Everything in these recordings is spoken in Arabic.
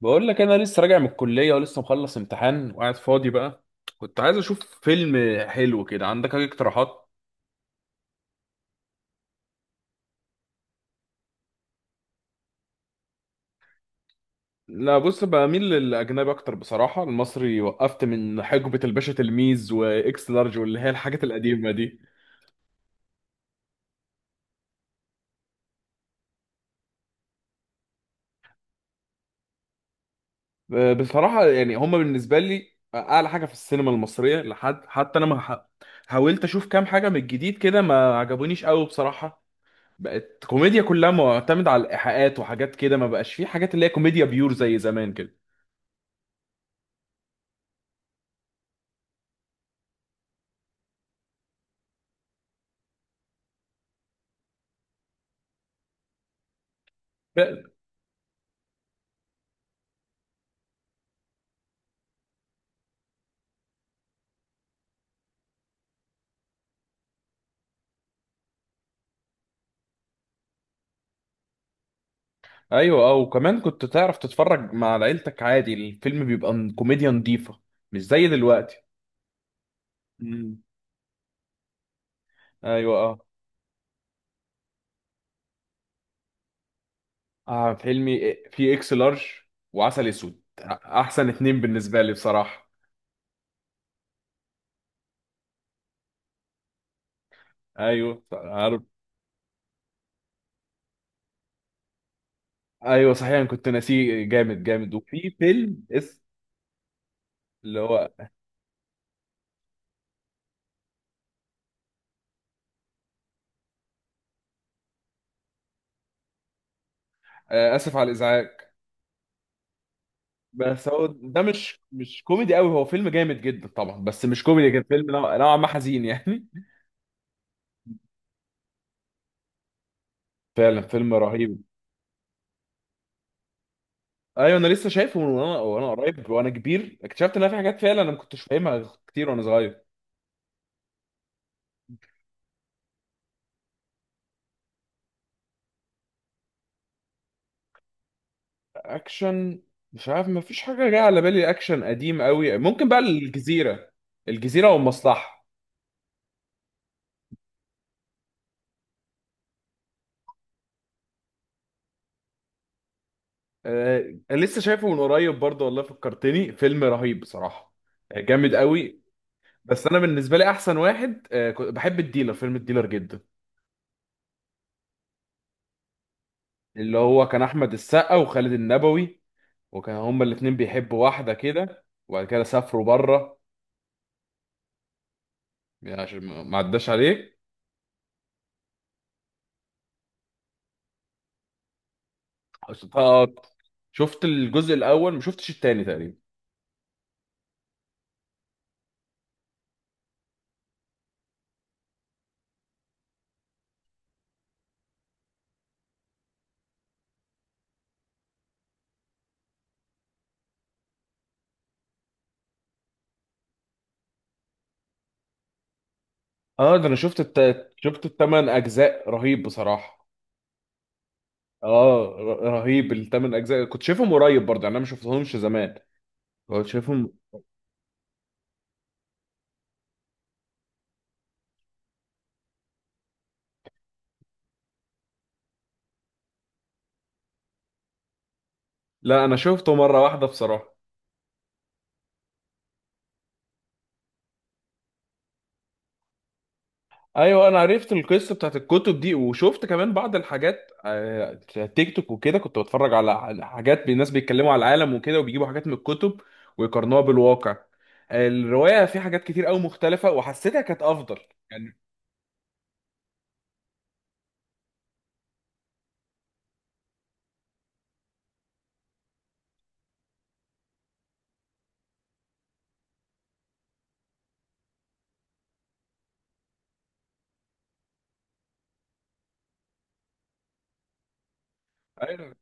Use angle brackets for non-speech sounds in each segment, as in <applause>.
بقول لك انا لسه راجع من الكليه ولسه مخلص امتحان وقاعد فاضي بقى. كنت عايز اشوف فيلم حلو كده، عندك اي اقتراحات؟ لا بص، بميل للاجنبي اكتر بصراحه. المصري وقفت من حقبه الباشا تلميذ واكس لارج واللي هي الحاجات القديمه دي. بصراحه يعني هما بالنسبه لي اعلى حاجه في السينما المصريه لحد حتى انا ما ح- حاولت اشوف كام حاجه من الجديد كده ما عجبونيش قوي بصراحه. بقت كوميديا كلها معتمدة على الإيحاءات وحاجات كده، ما بقاش فيه حاجات اللي هي كوميديا بيور زي زمان كده. ايوه او كمان كنت تعرف تتفرج مع عيلتك عادي، الفيلم بيبقى كوميديا نظيفه، مش زي دلوقتي. مم. ايوه اه. فيلمي إيه، في اكس لارج وعسل اسود، احسن اتنين بالنسبه لي بصراحه. ايوه عارف. ايوه صحيح، أنا كنت ناسيه، جامد جامد. وفي فيلم اس، اللي هو اسف على الازعاج. بس هو ده مش كوميدي قوي، هو فيلم جامد جدا طبعا بس مش كوميدي، كان فيلم نوعا ما حزين يعني. <laughs> فعلا فيلم رهيب. ايوه انا لسه شايفه من وانا قريب وانا كبير اكتشفت ان في حاجات فعلا انا ما كنتش فاهمها كتير وانا صغير. اكشن، مش عارف، ما فيش حاجه جايه على بالي. اكشن قديم قوي ممكن بقى الجزيره. الجزيره والمصلحه. أه لسه شايفه من قريب برضه، والله فكرتني، فيلم رهيب بصراحه. جامد قوي. بس انا بالنسبه لي احسن واحد أه، كنت بحب الديلر، فيلم الديلر جدا. اللي هو كان احمد السقا وخالد النبوي، وكان هما الاتنين بيحبوا واحده كده وبعد كده سافروا بره، يعني عشان ما عداش عليك. آه، شفت الجزء الاول، ما شفتش التاني تقريبا. اه ده انا شفت الثمان اجزاء، رهيب بصراحه. اه، رهيب الثمان اجزاء، كنت شايفهم قريب برضه يعني، انا ما شفتهمش زمان، كنت شايفهم. لا انا شفته مره واحده بصراحه. ايوه انا عرفت القصه بتاعت الكتب دي، وشفت كمان بعض الحاجات تيك توك وكده، كنت بتفرج على حاجات الناس بيتكلموا على العالم وكده، وبيجيبوا حاجات من الكتب ويقارنوها بالواقع. الروايه فيها حاجات كتير قوي مختلفه وحسيتها كانت افضل يعني. ايوه،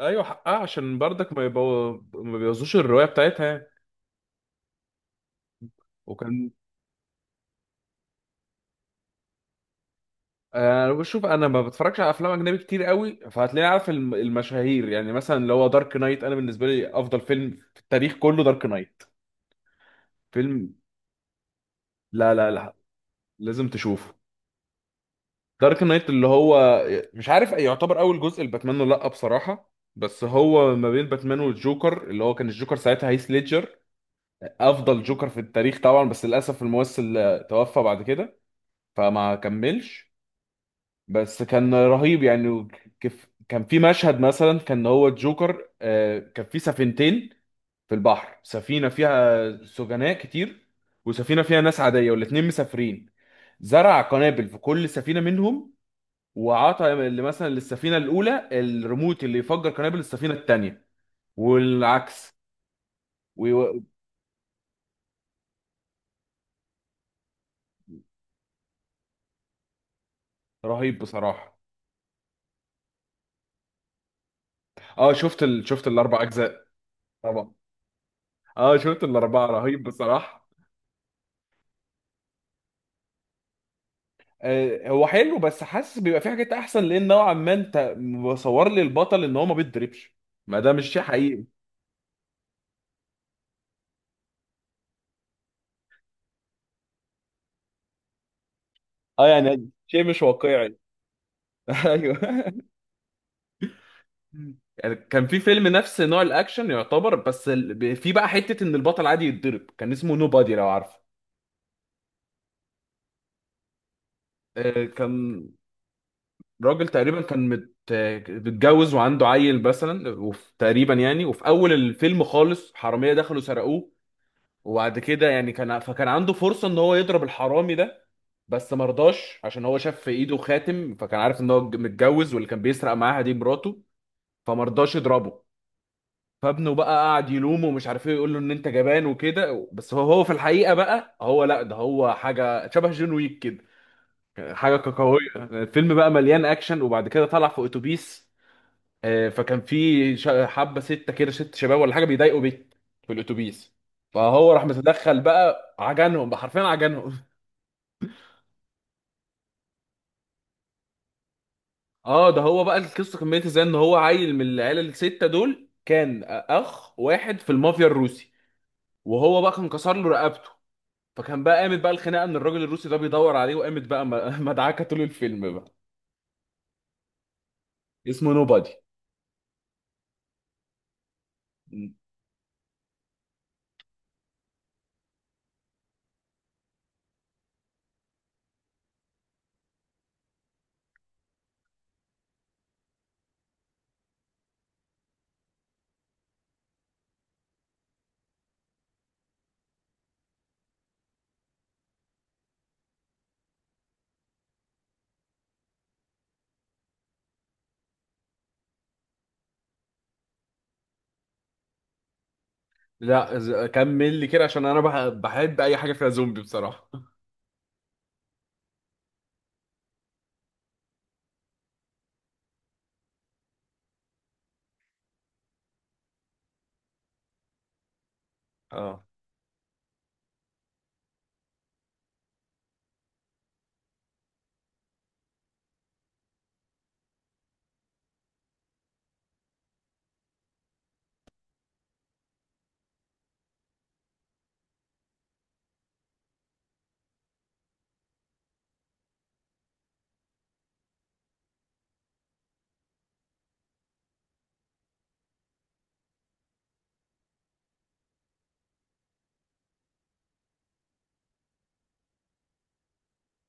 ايوه حقها عشان برضك ما بيبوظوش الروايه بتاعتها يعني. وكان، انا بشوف، انا ما بتفرجش على افلام اجنبي كتير قوي، فهتلاقيني عارف المشاهير يعني، مثلا اللي هو دارك نايت، انا بالنسبه لي افضل فيلم في التاريخ كله دارك نايت. فيلم، لا لا لا، لازم تشوفه. دارك نايت اللي هو، مش عارف يعتبر اول جزء لباتمان ولا لا بصراحه، بس هو ما بين باتمان والجوكر، اللي هو كان الجوكر ساعتها هيث ليدجر، افضل جوكر في التاريخ طبعا، بس للاسف الممثل توفى بعد كده فما كملش، بس كان رهيب يعني. كيف كان في مشهد مثلا، كان هو الجوكر كان في سفينتين في البحر، سفينه فيها سجناء كتير وسفينه فيها ناس عاديه، والاتنين مسافرين. زرع قنابل في كل سفينه منهم، وعطى اللي مثلا للسفينه الاولى الريموت اللي يفجر قنابل السفينه الثانيه والعكس. وي- رهيب بصراحه. اه شفت الاربع اجزاء، طبعا. اه شفت الاربعه، رهيب بصراحه. آه هو حلو بس حاسس بيبقى في حاجات احسن، لان نوعا ما انت مصور لي البطل ان هو ما بيتضربش، ما ده مش شيء حقيقي. اه، يعني شيء مش واقعي. <laughs> ايوه. يعني كان في فيلم نفس نوع الاكشن يعتبر، بس في بقى حته ان البطل عادي يتضرب، كان اسمه نو بادي، لو عارفه. كان راجل تقريبا كان مت... آه، متجوز وعنده عيل مثلا، وفي تقريبا يعني، وفي اول الفيلم خالص حراميه دخلوا سرقوه، وبعد كده يعني كان، فكان عنده فرصه ان هو يضرب الحرامي ده، بس ما رضاش عشان هو شاف في ايده خاتم، فكان عارف ان هو متجوز واللي كان بيسرق معاها دي مراته، فما رضاش يضربه. فابنه بقى قعد يلومه ومش عارف ايه، يقول له ان انت جبان وكده، بس هو هو في الحقيقه بقى، هو لا، ده هو حاجه شبه جون ويك، حاجه قويه. الفيلم بقى مليان اكشن، وبعد كده طلع في اتوبيس فكان في حبه سته كده، ست شباب ولا حاجه بيضايقوا بيت في الاتوبيس، فهو راح متدخل بقى عجنهم بقى، حرفيا عجنهم. اه ده هو بقى، القصه كملت ازاي، ان هو عيل من العيله السته دول كان اخ واحد في المافيا الروسي، وهو بقى كان كسر له رقبته، فكان بقى قامت بقى الخناقه ان الراجل الروسي ده بيدور عليه، وقامت بقى <laughs> مدعكه طول الفيلم بقى. اسمه نوبادي. لا كمل لي كده عشان انا بحب اي حاجه فيها زومبي بصراحه. اه.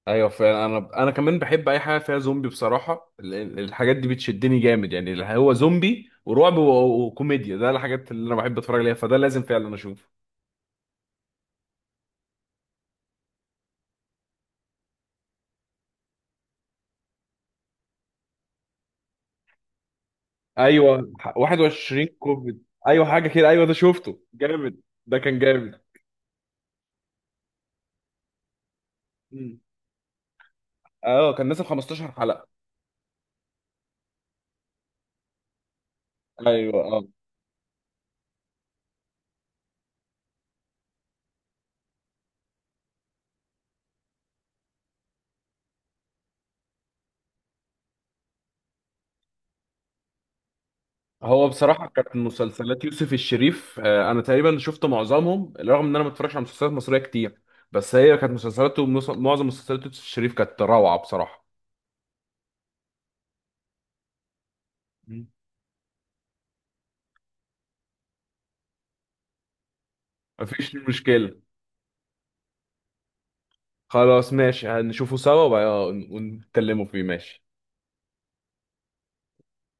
ايوه فعلا، انا كمان بحب اي حاجه فيها زومبي بصراحه، الحاجات دي بتشدني جامد يعني، اللي هو زومبي ورعب وكوميديا، ده الحاجات اللي انا بحب اتفرج عليها، فده لازم فعلا اشوفه. ايوه 21 كوفيد، ايوه حاجه كده، ايوه ده شفته، جامد. ده كان جامد. مم. اه كان نازل 15 حلقه. ايوه اه. هو بصراحة كانت مسلسلات يوسف الشريف، أنا تقريبا شفت معظمهم، رغم إن أنا ما بتفرجش على مسلسلات مصرية كتير. بس هي كانت مسلسلاته، معظم مسلسلات يوسف الشريف كانت روعة بصراحة. مم. مفيش مشكلة، خلاص ماشي، هنشوفه سوا وبقى ونتكلموا فيه، ماشي.